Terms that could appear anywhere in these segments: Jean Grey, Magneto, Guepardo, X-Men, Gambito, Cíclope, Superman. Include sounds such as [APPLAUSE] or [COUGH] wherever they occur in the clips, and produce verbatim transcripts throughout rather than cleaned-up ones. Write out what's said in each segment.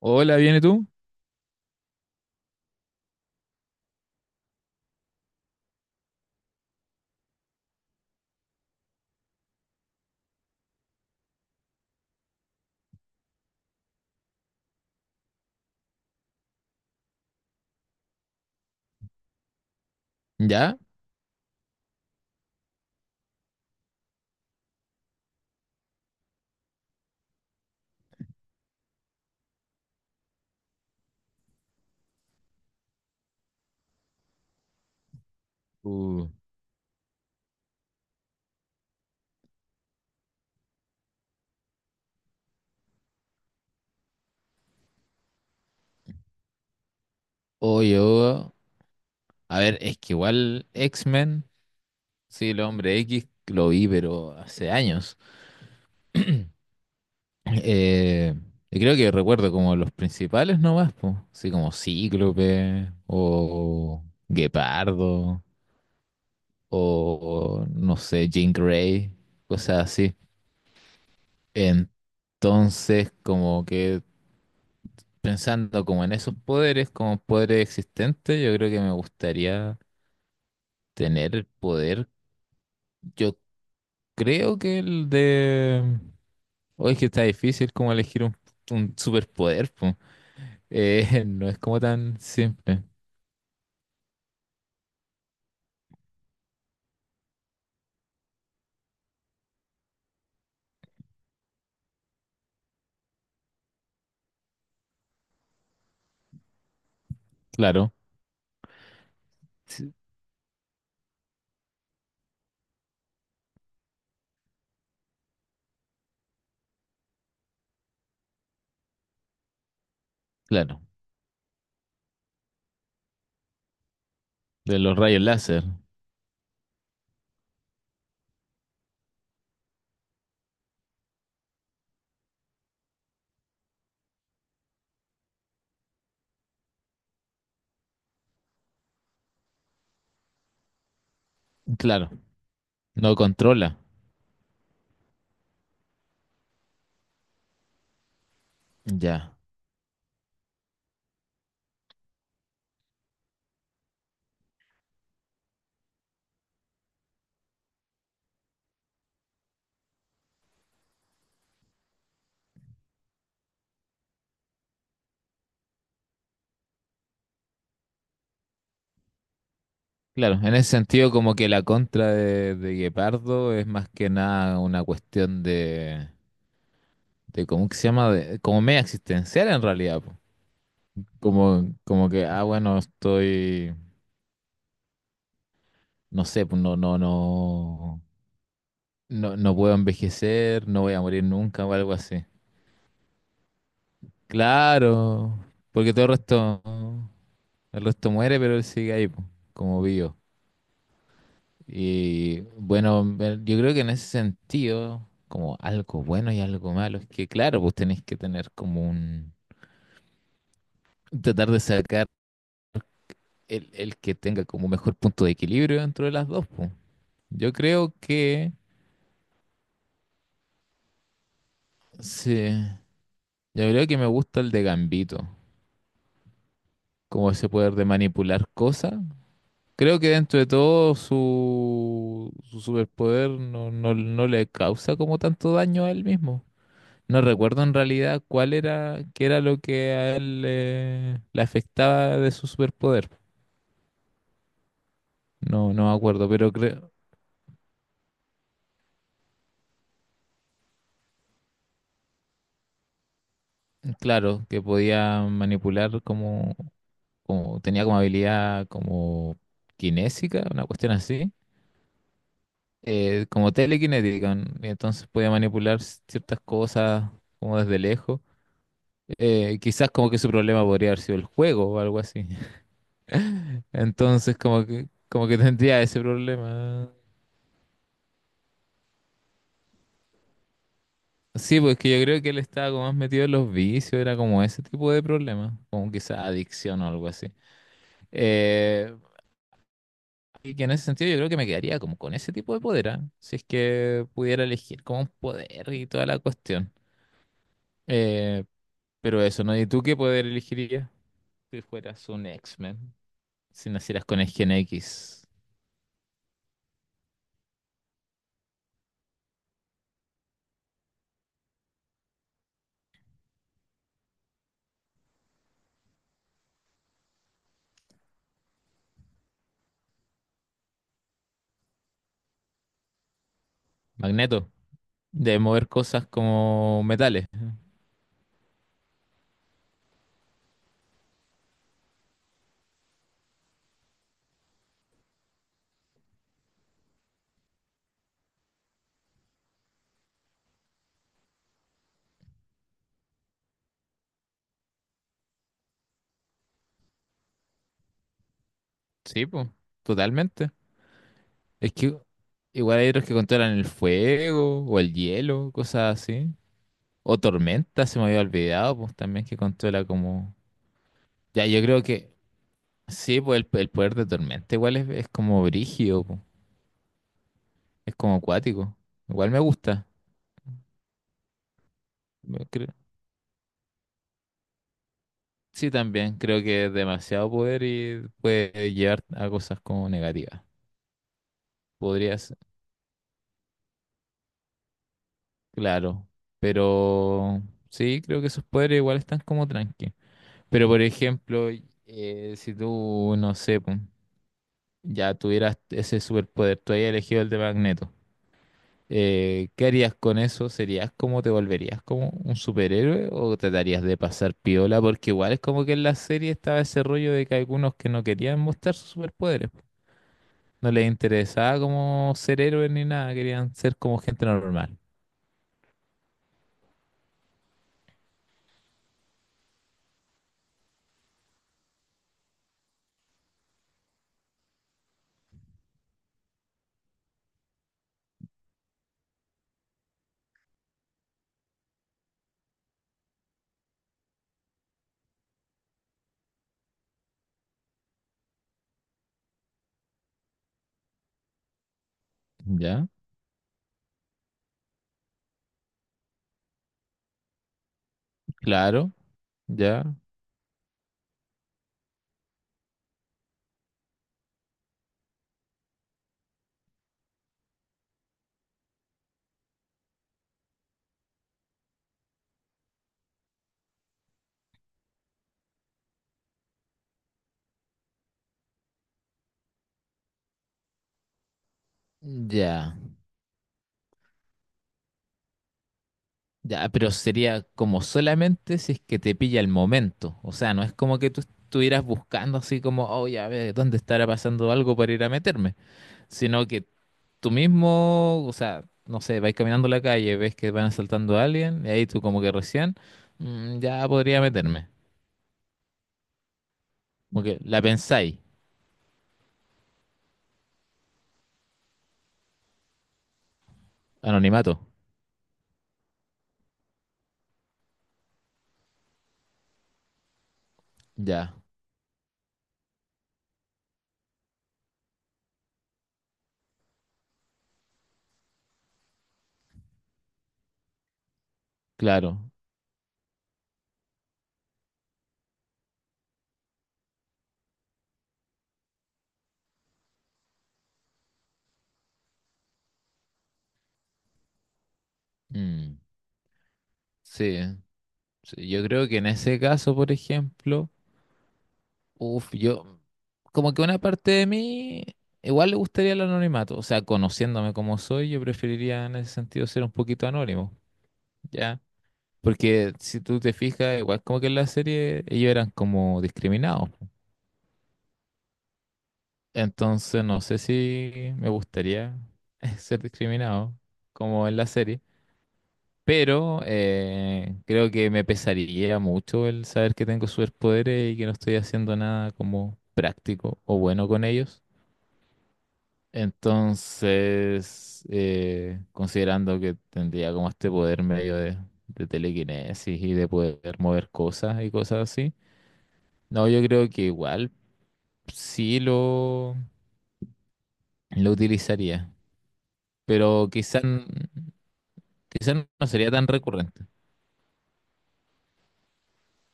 Hola, ¿viene tú? ¿Ya? Uh, O yo, a ver, es que igual X-Men, sí, el hombre X lo vi, pero hace años. [LAUGHS] Eh, y creo que recuerdo como los principales nomás, pues, así como Cíclope o Guepardo o no sé, Jean Grey, cosas así. Entonces, como que pensando como en esos poderes, como poderes existentes, yo creo que me gustaría tener el poder. Yo creo que el de... Oye, es que está difícil como elegir un, un superpoder, po. Eh, [LAUGHS] no es como tan simple. Claro, sí, claro. De los rayos láser. Claro, no controla. Ya. Claro, en ese sentido como que la contra de, de Guepardo es más que nada una cuestión de, de ¿cómo que se llama? De, como media existencial en realidad, po. Como, como que, ah, bueno, estoy, no sé, pues no, no, no. No, no puedo envejecer, no voy a morir nunca o algo así. Claro, porque todo el resto, el resto muere, pero él sigue ahí, po, como vivo. Y bueno, ver- yo creo que en ese sentido, como algo bueno y algo malo, es que claro, pues tenés que tener como un, tratar de sacar el, el que tenga como mejor punto de equilibrio dentro de las dos, pues. Yo creo que, sí, yo creo que me gusta el de Gambito, como ese poder de manipular cosas. Creo que dentro de todo su, su superpoder no, no, no le causa como tanto daño a él mismo. No recuerdo en realidad cuál era, qué era lo que a él eh, le afectaba de su superpoder. No, no me acuerdo, pero creo, claro, que podía manipular como, como, tenía como habilidad como kinésica, una cuestión así, eh, como telequinética, ¿no? Y entonces podía manipular ciertas cosas como desde lejos. Eh, quizás como que su problema podría haber sido el juego o algo así. [LAUGHS] Entonces como que, como que tendría ese problema. Sí, pues que yo creo que él estaba como más metido en los vicios, era como ese tipo de problema, como quizás adicción o algo así. Eh, y que en ese sentido yo creo que me quedaría como con ese tipo de poder, ¿ah? Si es que pudiera elegir como un poder y toda la cuestión. Eh, pero eso, ¿no? ¿Y tú qué poder elegirías si fueras un X-Men? Si nacieras con el gen X. Magneto. De mover cosas como metales. Sí, pues, totalmente. Es que igual hay otros que controlan el fuego o el hielo, cosas así. O tormenta, se me había olvidado, pues también que controla como... Ya, yo creo que sí, pues el, el poder de tormenta igual es, es como brígido, pues. Es como acuático. Igual me gusta. me creo- Sí, también creo que es demasiado poder y puede llevar a cosas como negativas. Podría. Claro, pero sí, creo que sus poderes igual están como tranqui. Pero por ejemplo, eh, si tú, no sé, pum, ya tuvieras ese superpoder, tú hayas elegido el de Magneto, eh, ¿qué harías con eso? ¿Serías como, te volverías como un superhéroe o te darías de pasar piola? Porque igual es como que en la serie estaba ese rollo de que algunos que no querían mostrar sus superpoderes, no les interesaba como ser héroes ni nada, querían ser como gente normal. ¿Ya? Claro. Ya, ya, ya, pero sería como solamente si es que te pilla el momento. O sea, no es como que tú estuvieras buscando así como, oh, ya ve, ¿dónde estará pasando algo para ir a meterme? Sino que tú mismo, o sea, no sé, vais caminando la calle, ves que van asaltando a alguien, y ahí tú como que recién, "Mm, ya podría meterme." Como que la pensáis, anonimato. Ya, claro. Mm, sí, sí, yo creo que en ese caso, por ejemplo. Uf, yo, como que una parte de mí igual le gustaría el anonimato, o sea, conociéndome como soy, yo preferiría en ese sentido ser un poquito anónimo, ¿ya? Porque si tú te fijas, igual como que en la serie ellos eran como discriminados. Entonces no sé si me gustaría [LAUGHS] ser discriminado como en la serie, pero eh, creo que me pesaría mucho el saber que tengo superpoderes y que no estoy haciendo nada como práctico o bueno con ellos. Entonces, eh, considerando que tendría como este poder medio de, de telequinesis y de poder mover cosas y cosas así, no, yo creo que igual sí lo, lo utilizaría, pero quizás quizás no sería tan recurrente.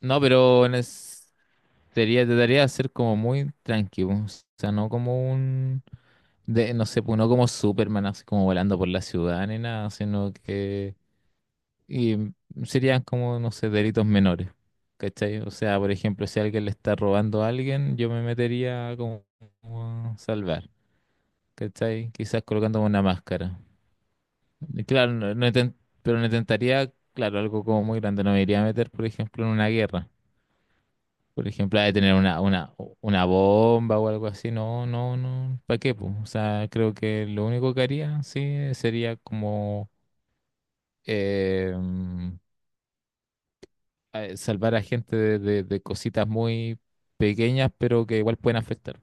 No, pero en es- sería, trataría de ser como muy tranquilo, o sea, no como un, de, no sé, pues, no como Superman, así como volando por la ciudad ni nada, sino que... Y serían como, no sé, delitos menores, ¿cachai? O sea, por ejemplo, si alguien le está robando a alguien, yo me metería como a salvar, ¿cachai? Quizás colocándome una máscara. Y claro, no, no inten- pero no intentaría, claro, algo como muy grande. No me iría a meter, por ejemplo, en una guerra. Por ejemplo, a tener una, una, una bomba o algo así. No, no, no. ¿Para qué, po? O sea, creo que lo único que haría, sí, sería como... em, eh, salvar a gente de, de- de cositas muy pequeñas, pero que igual pueden afectar.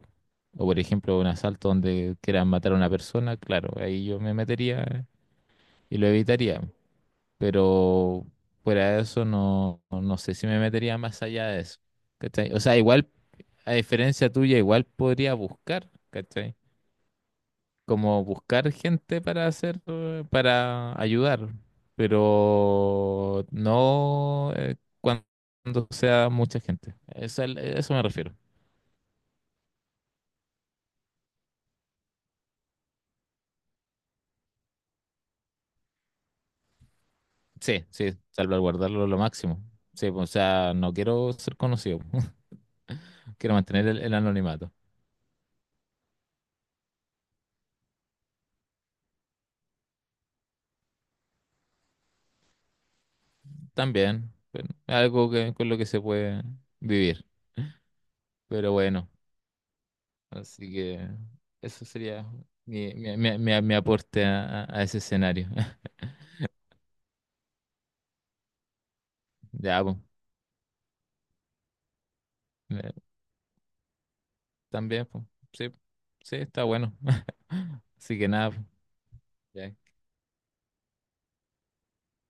O por ejemplo, un asalto donde quieran matar a una persona, claro, ahí yo me metería y lo evitaría. Pero fuera de eso, no, no sé si me metería más allá de eso. ¿Cachai? O sea, igual, a diferencia tuya, igual podría buscar, ¿cachai? Como buscar gente para hacer, eh, para ayudar, pero no eh, cuan- cuando sea mucha gente. Eso, al- eso me refiero. Sí, sí, salvaguardarlo lo máximo. Sí, pues, o sea, no quiero ser conocido, [LAUGHS] quiero mantener el, el anonimato. También, bueno, algo que, con lo que se puede vivir. Pero bueno, así que eso sería mi, mi- mi- mi- mi aporte a, a- a ese escenario. [LAUGHS] Ya, pues. También, pues, sí, sí, está bueno. [LAUGHS] Así que nada, pues, ya,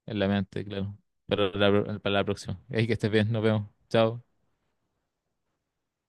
en la mente, claro. Pero la- para la próxima. Ahí que estés bien, nos vemos. Chao.